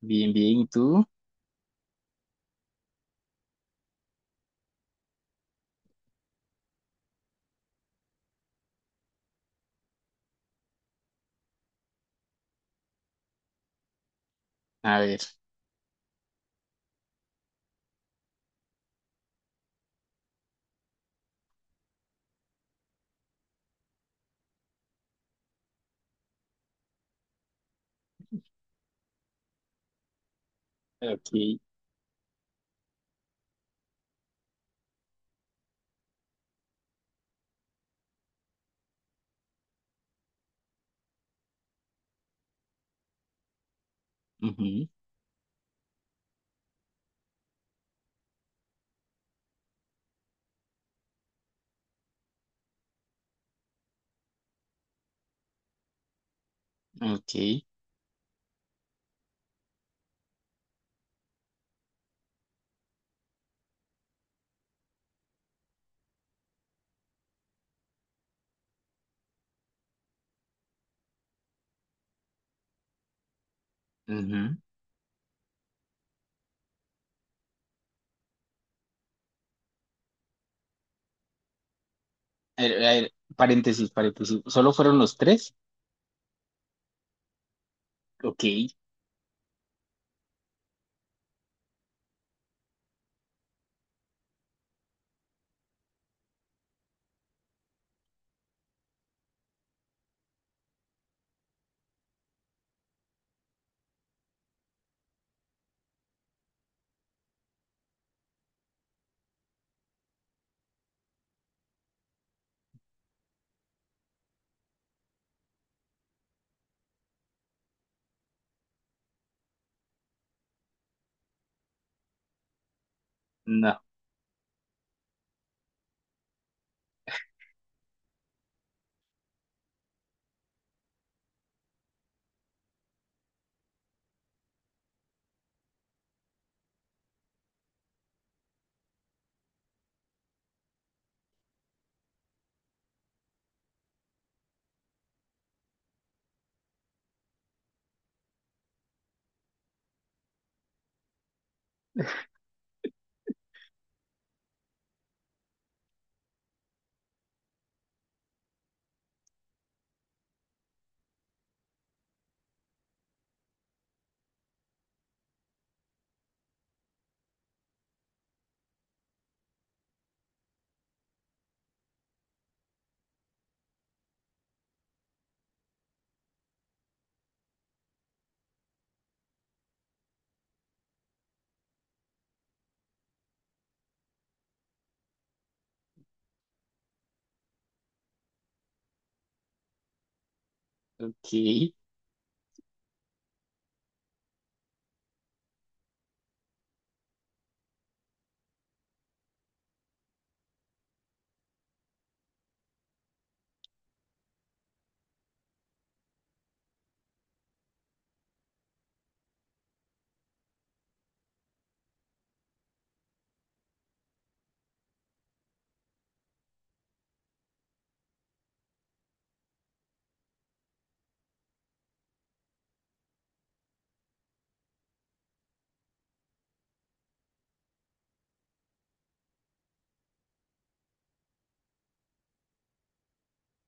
Bien, bien, ¿y tú? A ver. Ok. Ujú. Ok, ujú. A ver, paréntesis, paréntesis. ¿Solo fueron los tres? Ok. No, ok, sí,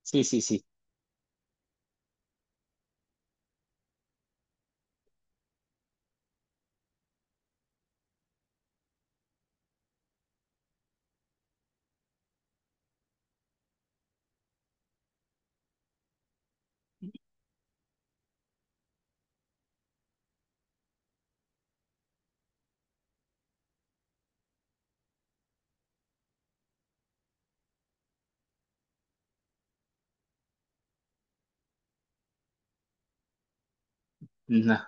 sí, sí. No,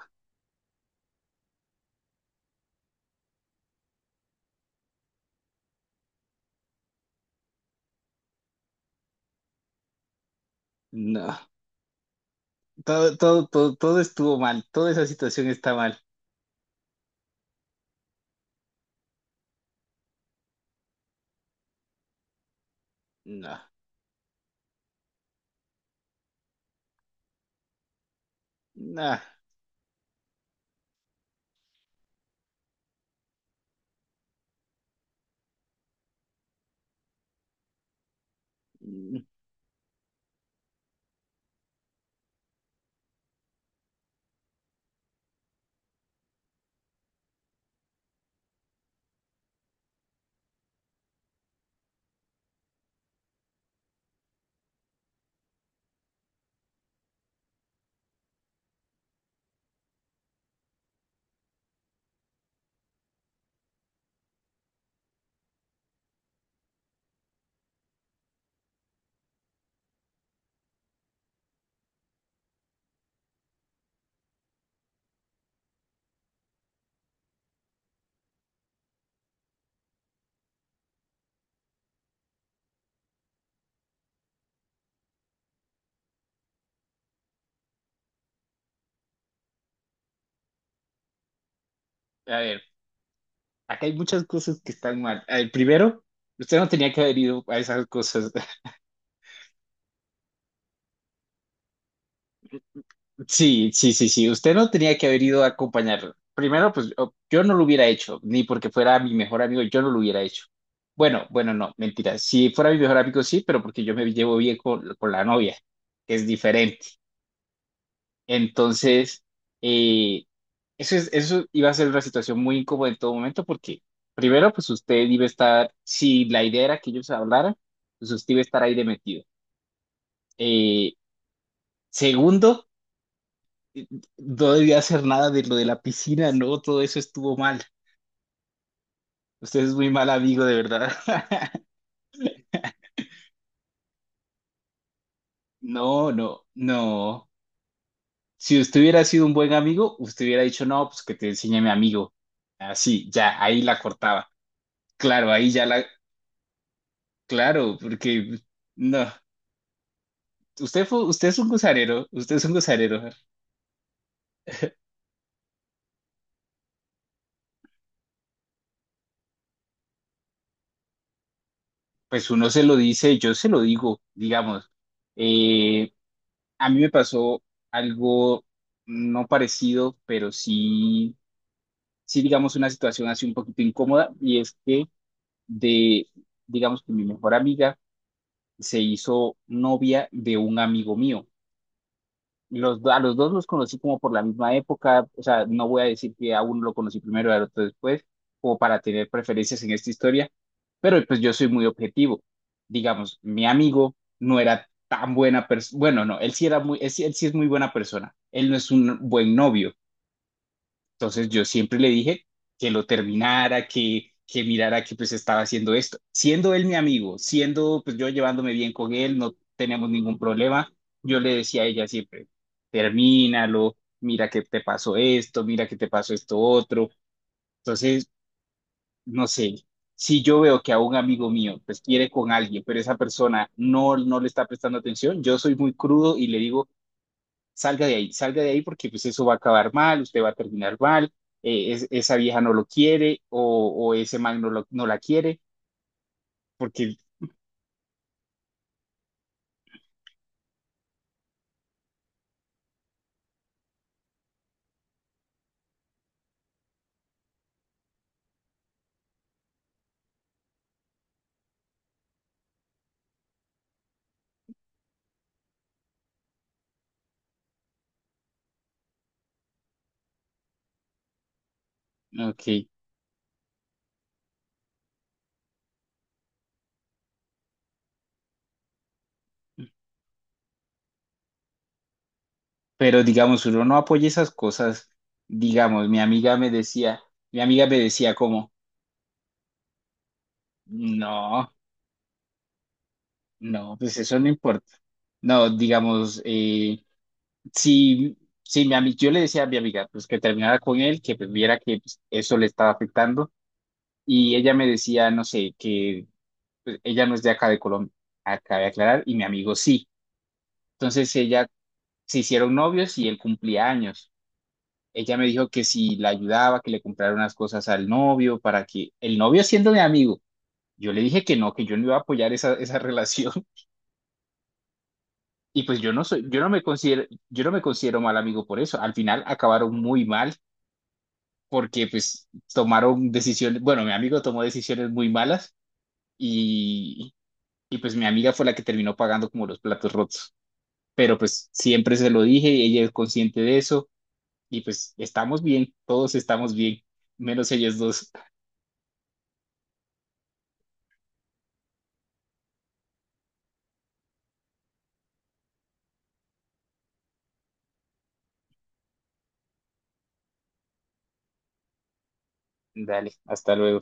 no. Todo, todo, todo, todo estuvo mal, toda esa situación está mal. No, no. Mm. A ver, acá hay muchas cosas que están mal. A ver, primero, usted no tenía que haber ido a esas cosas. Sí, sí, sí, sí. Usted no tenía que haber ido a acompañarlo. Primero, pues yo no lo hubiera hecho, ni porque fuera mi mejor amigo, yo no lo hubiera hecho. Bueno, bueno, no, mentira. Si fuera mi mejor amigo, sí, pero porque yo me llevo bien con la novia, que es diferente. Entonces, eh, eso es, eso iba a ser una situación muy incómoda en todo momento, porque primero, pues usted iba a estar, si la idea era que ellos hablaran, pues usted iba a estar ahí de metido. Eh, segundo, no debía hacer nada de lo de la piscina, no, todo eso estuvo mal. Usted es muy mal amigo, de verdad. No, no, no. Si usted hubiera sido un buen amigo, usted hubiera dicho, no, pues que te enseñe a mi amigo. Así, ya, ahí la cortaba. Claro, ahí ya la, claro, porque no. Usted fue, usted es un gozarero, usted es un gozarero. Pues uno se lo dice, yo se lo digo, digamos. Eh, a mí me pasó algo no parecido, pero sí, digamos, una situación así un poquito incómoda y es que de, digamos que mi mejor amiga se hizo novia de un amigo mío. A los dos los conocí como por la misma época, o sea, no voy a decir que a uno lo conocí primero y al otro después, como para tener preferencias en esta historia, pero pues yo soy muy objetivo. Digamos, mi amigo no era tan buena persona, bueno, no, él sí era muy, él sí es muy buena persona, él no es un buen novio. Entonces yo siempre le dije que lo terminara, que mirara que pues estaba haciendo esto. Siendo él mi amigo, siendo pues yo llevándome bien con él, no tenemos ningún problema, yo le decía a ella siempre, termínalo, mira que te pasó esto, mira que te pasó esto otro. Entonces, no sé, si yo veo que a un amigo mío pues quiere con alguien, pero esa persona no, no le está prestando atención, yo soy muy crudo y le digo, salga de ahí porque pues eso va a acabar mal, usted va a terminar mal, esa vieja no lo quiere o ese man no, no la quiere, porque, ok, pero digamos, uno no apoya esas cosas, digamos, mi amiga me decía, mi amiga me decía como, no, no, pues eso no importa, no, digamos, si... si yo le decía a mi amiga pues que terminara con él, que pues, viera que pues, eso le estaba afectando, y ella me decía, no sé, que pues, ella no es de acá de Colombia, acá de aclarar, y mi amigo sí. Entonces ella se hicieron novios y él cumplía años. Ella me dijo que si la ayudaba, que le comprara unas cosas al novio para que el novio siendo mi amigo, yo le dije que no, que yo no iba a apoyar esa, esa relación. Y pues yo no soy, yo no me considero, yo no me considero mal amigo por eso. Al final acabaron muy mal porque pues tomaron decisiones, bueno, mi amigo tomó decisiones muy malas y, y pues mi amiga fue la que terminó pagando como los platos rotos. Pero pues siempre se lo dije y ella es consciente de eso y pues estamos bien, todos estamos bien, menos ellos dos. Dale, hasta luego.